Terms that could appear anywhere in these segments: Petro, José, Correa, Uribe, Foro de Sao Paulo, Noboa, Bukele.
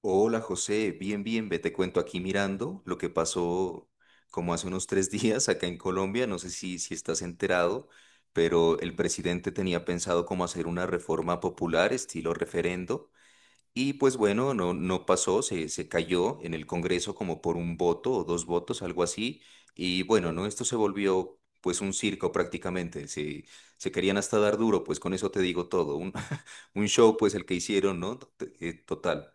Hola José, bien, bien, ve, te cuento aquí mirando lo que pasó como hace unos tres días acá en Colombia, no sé si estás enterado, pero el presidente tenía pensado cómo hacer una reforma popular estilo referendo y pues bueno, no, no pasó, se cayó en el Congreso como por un voto o dos votos, algo así, y bueno, no, esto se volvió pues un circo prácticamente, se querían hasta dar duro, pues con eso te digo todo, un show pues el que hicieron, ¿no? Total.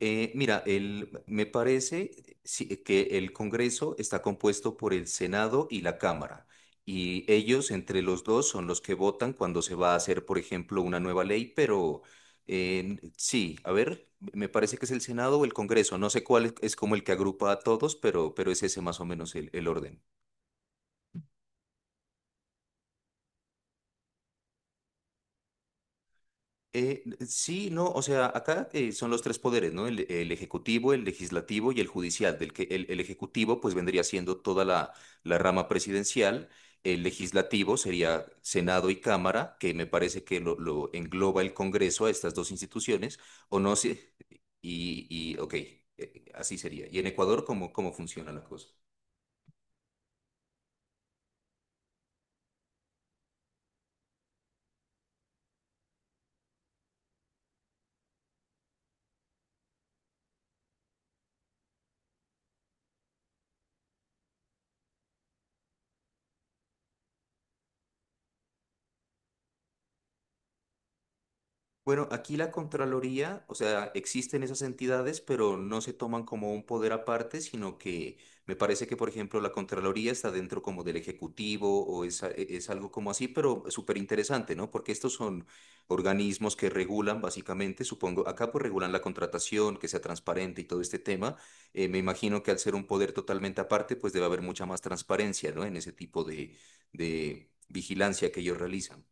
Mira, me parece sí, que el Congreso está compuesto por el Senado y la Cámara, y ellos entre los dos son los que votan cuando se va a hacer, por ejemplo, una nueva ley, pero sí, a ver, me parece que es el Senado o el Congreso, no sé cuál es como el que agrupa a todos, pero es ese más o menos el orden. Eh, sí, no, o sea, acá son los tres poderes, ¿no? El ejecutivo, el legislativo y el judicial, del que el ejecutivo pues vendría siendo toda la rama presidencial, el legislativo sería Senado y Cámara, que me parece que lo engloba el Congreso a estas dos instituciones, o no sé, y ok, así sería. ¿Y en Ecuador cómo funciona la cosa? Bueno, aquí la Contraloría, o sea, existen esas entidades, pero no se toman como un poder aparte, sino que me parece que, por ejemplo, la Contraloría está dentro como del Ejecutivo o es, es algo como así, pero súper interesante, ¿no? Porque estos son organismos que regulan básicamente, supongo, acá pues regulan la contratación, que sea transparente y todo este tema. Me imagino que al ser un poder totalmente aparte, pues debe haber mucha más transparencia, ¿no? En ese tipo de vigilancia que ellos realizan.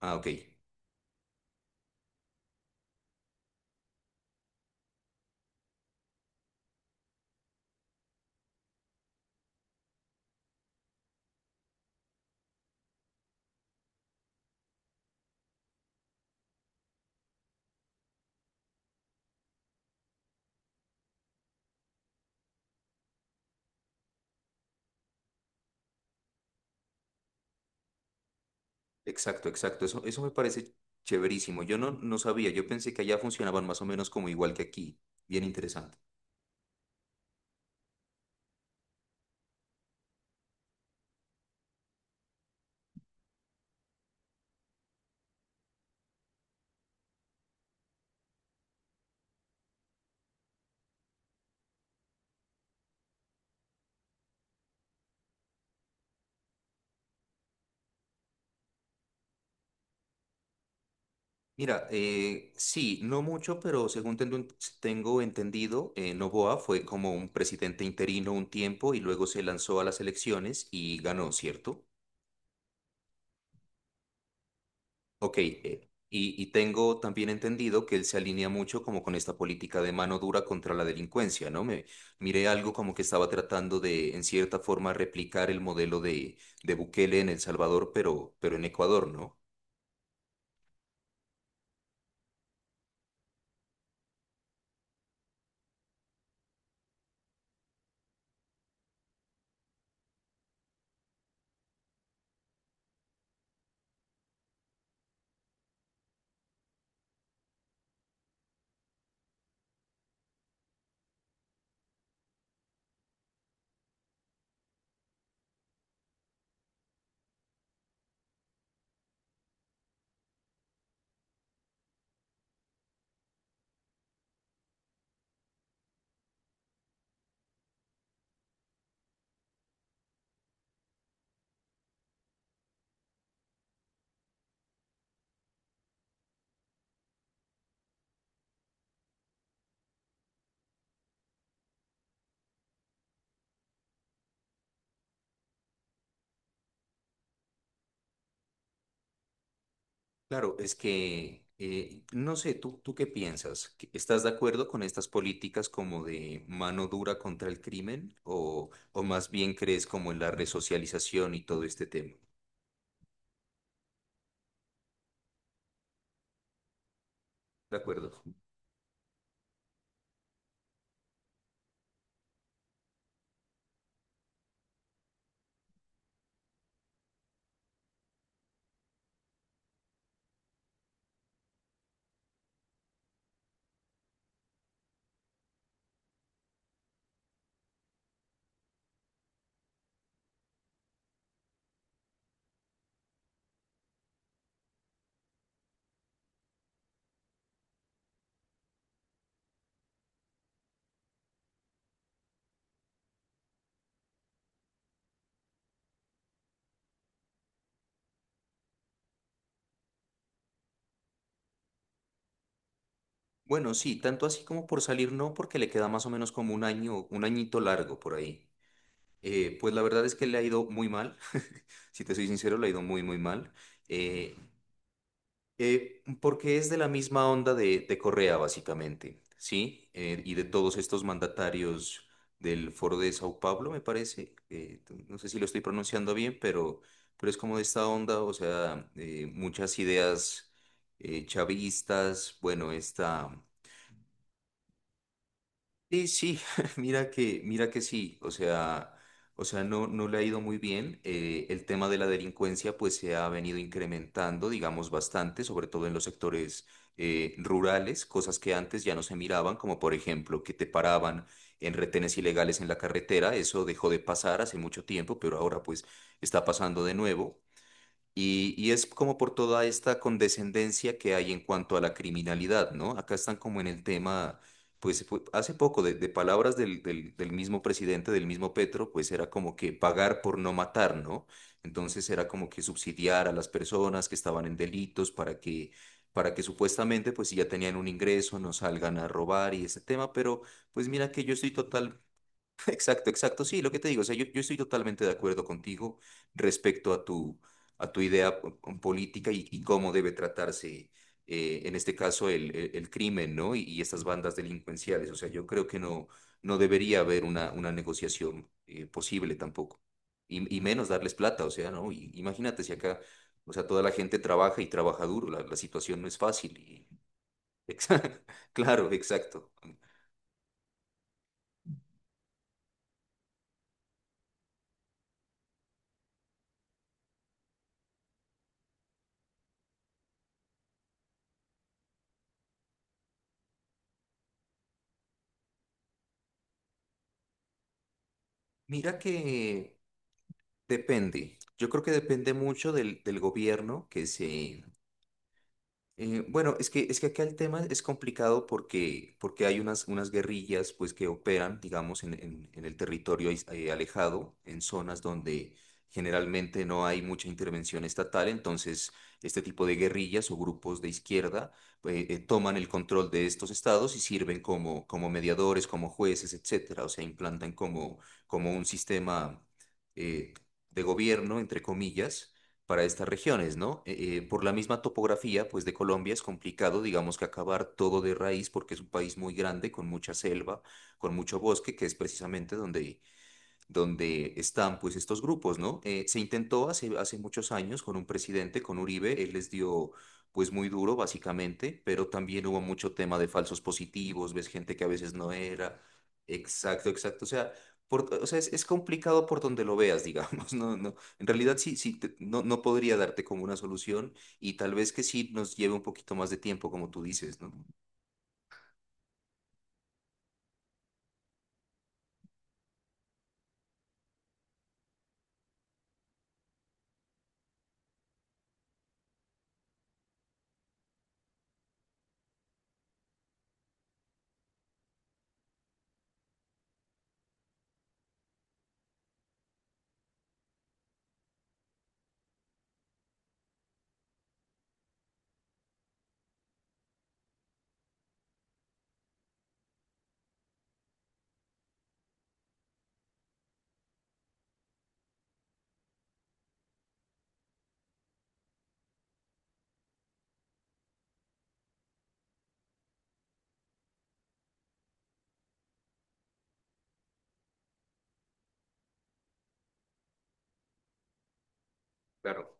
Ah, ok. Exacto, exacto. Eso me parece chéverísimo. Yo no, no sabía, yo pensé que allá funcionaban más o menos como igual que aquí. Bien interesante. Mira, sí, no mucho, pero según tengo, tengo entendido, Noboa fue como un presidente interino un tiempo y luego se lanzó a las elecciones y ganó, ¿cierto? Ok, y tengo también entendido que él se alinea mucho como con esta política de mano dura contra la delincuencia, ¿no? Me miré algo como que estaba tratando de, en cierta forma, replicar el modelo de Bukele en El Salvador, pero en Ecuador, ¿no? Claro, es que, no sé, ¿tú, tú qué piensas? ¿Estás de acuerdo con estas políticas como de mano dura contra el crimen? O más bien crees como en la resocialización y todo este tema? De acuerdo. Bueno, sí, tanto así como por salir no, porque le queda más o menos como un año, un añito largo por ahí. Pues la verdad es que le ha ido muy mal, si te soy sincero, le ha ido muy, muy mal. Eh, Porque es de la misma onda de Correa, básicamente, ¿sí? Y de todos estos mandatarios del Foro de Sao Paulo, me parece, no sé si lo estoy pronunciando bien, pero es como de esta onda, o sea, muchas ideas chavistas, bueno, esta... Sí, sí, mira que sí, o sea, no, no le ha ido muy bien. El tema de la delincuencia pues se ha venido incrementando, digamos, bastante, sobre todo en los sectores rurales, cosas que antes ya no se miraban, como por ejemplo que te paraban en retenes ilegales en la carretera, eso dejó de pasar hace mucho tiempo, pero ahora pues está pasando de nuevo. Y es como por toda esta condescendencia que hay en cuanto a la criminalidad, ¿no? Acá están como en el tema, pues hace poco, de palabras del mismo presidente, del mismo Petro, pues era como que pagar por no matar, ¿no? Entonces era como que subsidiar a las personas que estaban en delitos para que supuestamente, pues si ya tenían un ingreso, no salgan a robar y ese tema, pero pues mira que yo estoy total. Exacto, exacto. Sí, lo que te digo, o sea, yo estoy totalmente de acuerdo contigo respecto a tu idea política y cómo debe tratarse, en este caso, el crimen, ¿no? Y estas bandas delincuenciales. O sea, yo creo que no, no debería haber una negociación, posible tampoco. Y menos darles plata, o sea, ¿no? Y, imagínate si acá, o sea, toda la gente trabaja y trabaja duro, la situación no es fácil. Y Exa- Claro, exacto. Mira que... Depende. Yo creo que depende mucho del gobierno que se, bueno, es que acá el tema es complicado porque, porque hay unas, unas guerrillas pues, que operan, digamos, en, en el territorio alejado, en zonas donde generalmente no hay mucha intervención estatal, entonces este tipo de guerrillas o grupos de izquierda toman el control de estos estados y sirven como, como mediadores, como jueces, etcétera, o sea, implantan como, como un sistema eh, de gobierno, entre comillas, para estas regiones, ¿no? Por la misma topografía, pues de Colombia es complicado, digamos que acabar todo de raíz porque es un país muy grande, con mucha selva, con mucho bosque, que es precisamente donde donde están pues estos grupos, ¿no? Se intentó hace, hace muchos años con un presidente, con Uribe, él les dio pues muy duro básicamente, pero también hubo mucho tema de falsos positivos, ves gente que a veces no era, exacto, exacto, o sea, o sea es complicado por donde lo veas, digamos, no, no, en realidad sí, sí, no, no podría darte como una solución y tal vez que sí nos lleve un poquito más de tiempo, como tú dices, ¿no? Claro.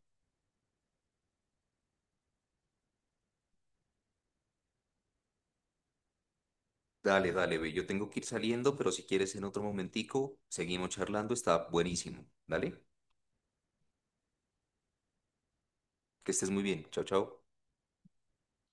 Dale, dale, ve. Yo tengo que ir saliendo, pero si quieres en otro momentico, seguimos charlando. Está buenísimo. Dale, que estés muy bien. Chao, chao.